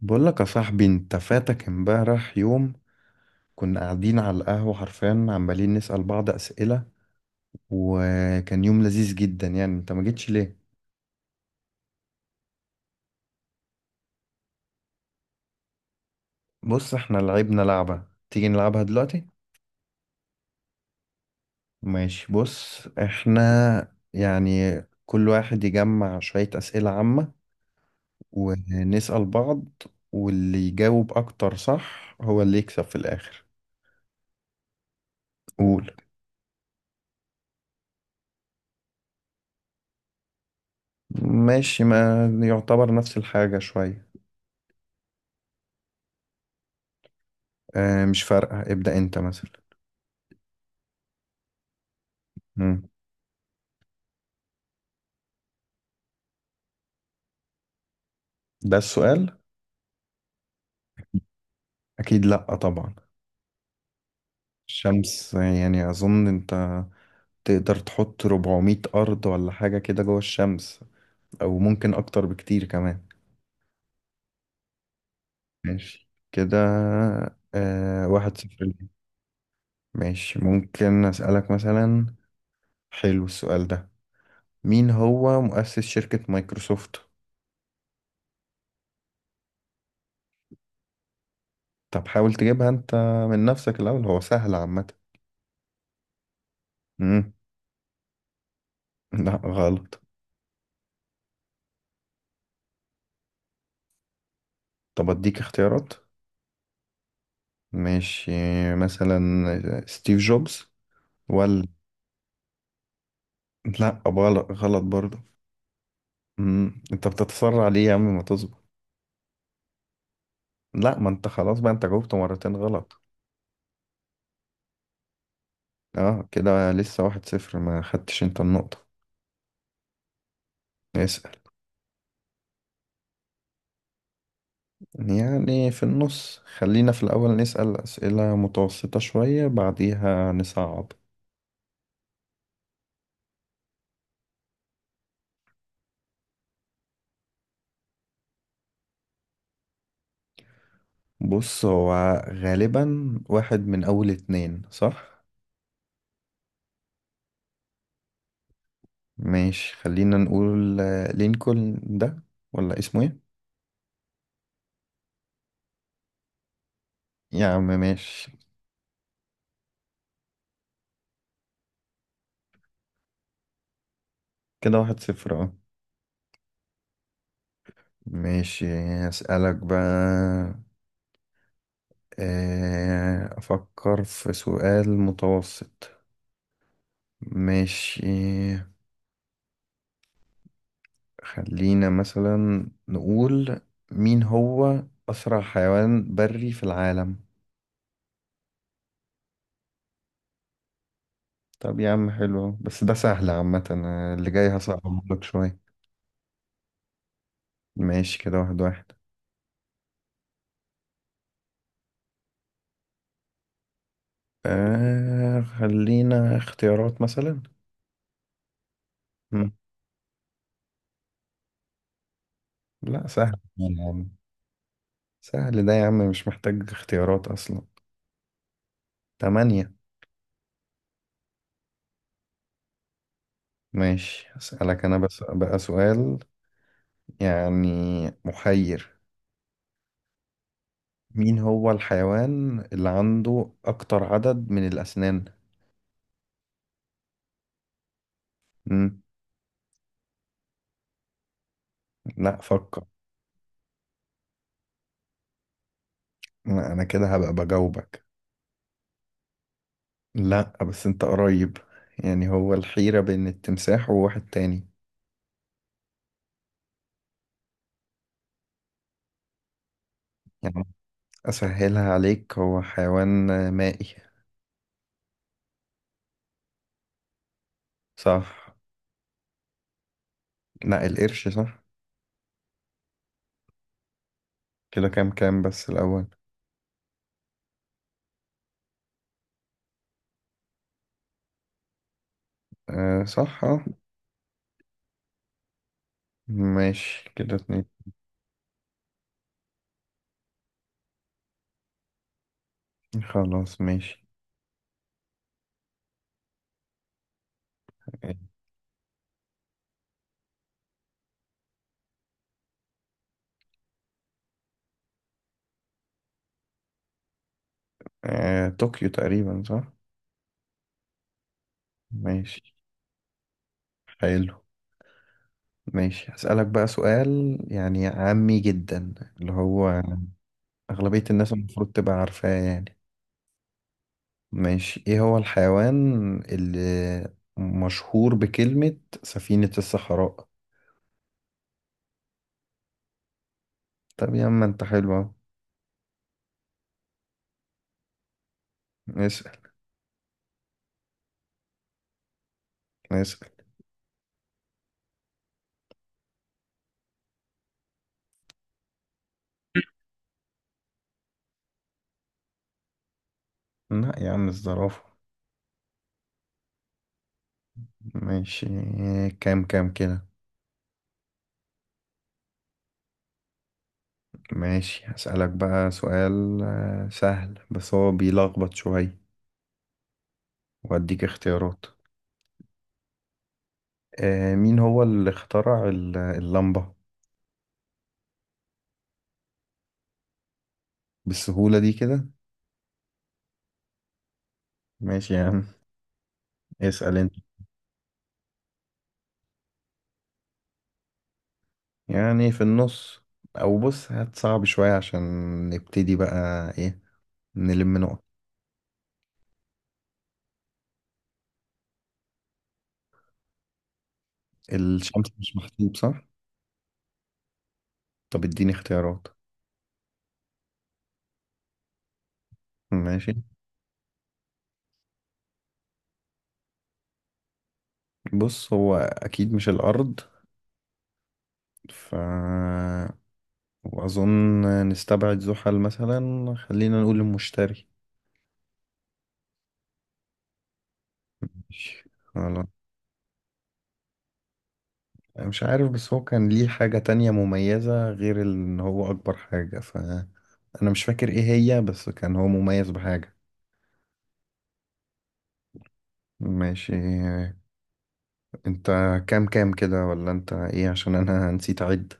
بقول لك يا صاحبي، انت فاتك امبارح يوم كنا قاعدين على القهوة، حرفيا عمالين نسأل بعض أسئلة، وكان يوم لذيذ جدا. يعني انت ما جيتش ليه؟ بص احنا لعبنا لعبة، تيجي نلعبها دلوقتي. ماشي، بص احنا يعني كل واحد يجمع شوية أسئلة عامة ونسأل بعض. واللي يجاوب أكتر صح هو اللي يكسب في الآخر. قول. ماشي، ما يعتبر نفس الحاجة شوية. اه مش فارقة، ابدأ انت مثلا. ده السؤال؟ اكيد لا طبعا. الشمس يعني اظن انت تقدر تحط 400 ارض ولا حاجة كده جوه الشمس، او ممكن اكتر بكتير كمان. ماشي كده. 1-0 ليه. ماشي، ممكن اسألك مثلا. حلو السؤال ده. مين هو مؤسس شركة مايكروسوفت؟ طب حاول تجيبها انت من نفسك الاول، هو سهل عامة. مم. لا غلط. طب اديك اختيارات. ماشي. مثلا. ستيف جوبز، ولا. لا، غلط غلط برضه. انت بتتسرع ليه يا عم، ما تصبر. لا، ما انت خلاص بقى، انت جاوبت مرتين غلط. اه كده لسه 1-0، ما خدتش انت النقطة. اسأل. يعني في النص، خلينا في الأول نسأل أسئلة متوسطة شوية بعديها نصعب. بص، هو غالبا واحد من أول اتنين، صح؟ ماشي خلينا نقول لينكولن ده، ولا اسمه ايه؟ يا عم ماشي. كده 1-0، اه. ماشي هسألك بقى. أفكر في سؤال متوسط. ماشي، خلينا مثلا نقول مين هو أسرع حيوان بري في العالم؟ طب يا عم حلو أهو، بس ده سهل عامة، أنا اللي جاي هصعبه لك شوية. ماشي كده، 1-1. خلينا اختيارات مثلا. مم. لا، سهل يا عم. سهل ده يا عم، مش محتاج اختيارات أصلا. تمانية. ماشي، أسألك أنا بس بقى سؤال، يعني محير. مين هو الحيوان اللي عنده أكتر عدد من الأسنان؟ مم. لا، فكر. لا، أنا كده هبقى بجاوبك. لا بس أنت قريب. يعني هو الحيرة بين التمساح وواحد تاني. يعني أسهلها عليك، هو حيوان مائي. صح. لا، القرش صح. كده كام بس الأول. أه صح اه. ماشي كده اتنين. خلاص ماشي. طوكيو تقريبا صح. ماشي. حلو. ماشي، هسألك بقى سؤال يعني عامي جدا، اللي هو أغلبية الناس المفروض تبقى عارفاه يعني. ماشي، ايه هو الحيوان اللي مشهور بكلمة سفينة الصحراء؟ طب يا عم انت حلو اهو. اسأل. اسأل. لا يا عم، الزرافة. ماشي. كام كده. ماشي هسألك بقى سؤال سهل بس هو بيلخبط شوية، وأديك اختيارات. مين هو اللي اخترع اللمبة؟ بالسهولة دي كده؟ ماشي يا عم. اسأل انت. يعني في النص. او بص، هات صعب شوية عشان نبتدي بقى ايه، نلم نقط. الشمس مش محسوب صح؟ طب اديني اختيارات. ماشي. بص، هو اكيد مش الارض، ف واظن نستبعد زحل مثلا، خلينا نقول المشتري. ماشي. خلاص. مش عارف، بس هو كان ليه حاجة تانية مميزة غير ان هو اكبر حاجة، فانا مش فاكر ايه هي، بس كان هو مميز بحاجة. ماشي. انت كام كده ولا انت ايه، عشان انا نسيت اعد.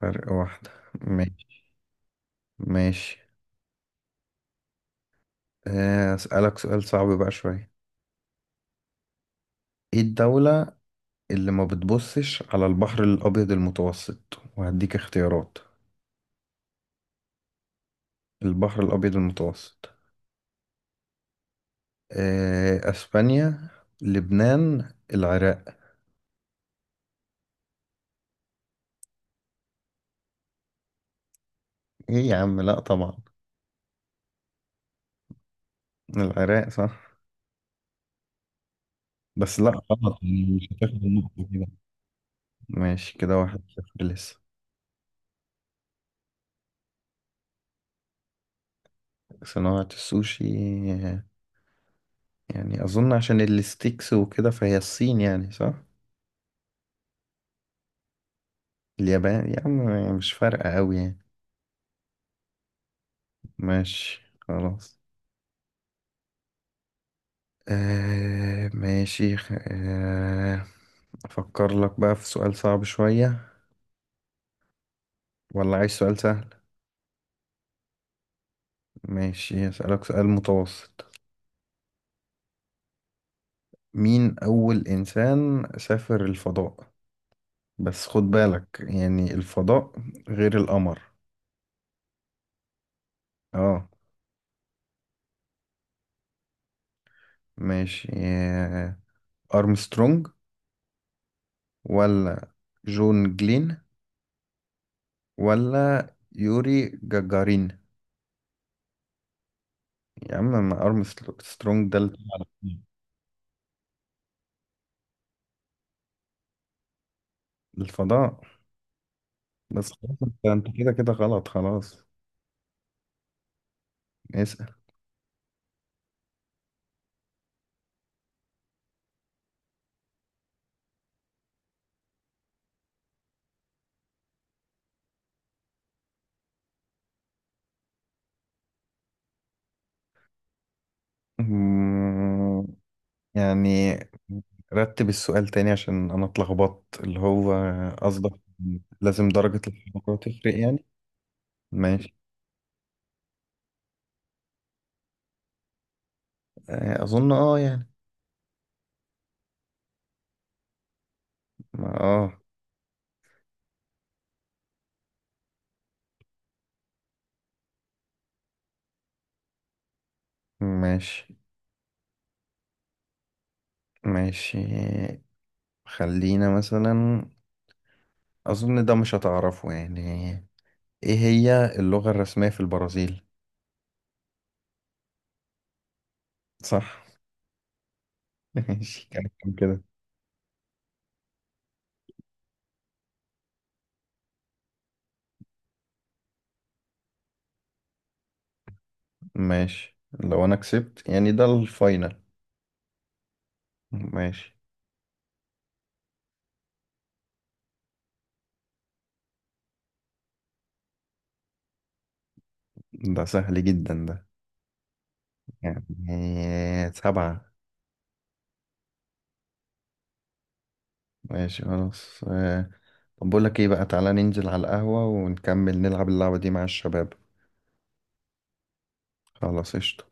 فرق واحدة. ماشي. ماشي. اسألك سؤال صعب بقى شوية. ايه الدولة اللي ما بتبصش على البحر الابيض المتوسط، وهديك اختيارات. البحر الابيض المتوسط. اسبانيا، لبنان، العراق. ايه يا عم، لا طبعا. العراق صح. بس لا، غلط يعني مش هتاخد النقطة كده. ماشي، كده واحد صفر لسه. صناعة السوشي؟ يعني أظن عشان الستيكس وكده، فهي الصين يعني، صح؟ اليابان يا عم، مش فارقة أوي يعني. ماشي خلاص. ماشي أفكر لك بقى في سؤال صعب شوية، ولا عايز سؤال سهل؟ ماشي، أسألك سؤال متوسط. مين أول إنسان سافر الفضاء؟ بس خد بالك يعني الفضاء غير القمر. اه. ماشي. أرمسترونج، ولا جون جلين، ولا يوري جاجارين؟ يا عم، ما أرمسترونج ده اللي طلع للفضاء. بس خلاص، انت كده كده غلط خلاص. اسأل. مم. يعني رتب السؤال تاني عشان انا اتلخبطت، اللي هو قصدك لازم درجة الحرارة تفرق يعني؟ ماشي. اظن اه يعني. اه. ماشي. ماشي. خلينا مثلا، اظن ده مش هتعرفه يعني. ايه هي اللغة الرسمية في البرازيل؟ صح. ماشي، كان كده. ماشي. لو انا كسبت يعني ده الفاينل؟ ماشي. ده سهل جدا ده. يعني سبعة. ماشي خلاص. طب بقول لك ايه بقى، تعالى ننزل على القهوة ونكمل نلعب اللعبة دي مع الشباب. خلاص قشطة.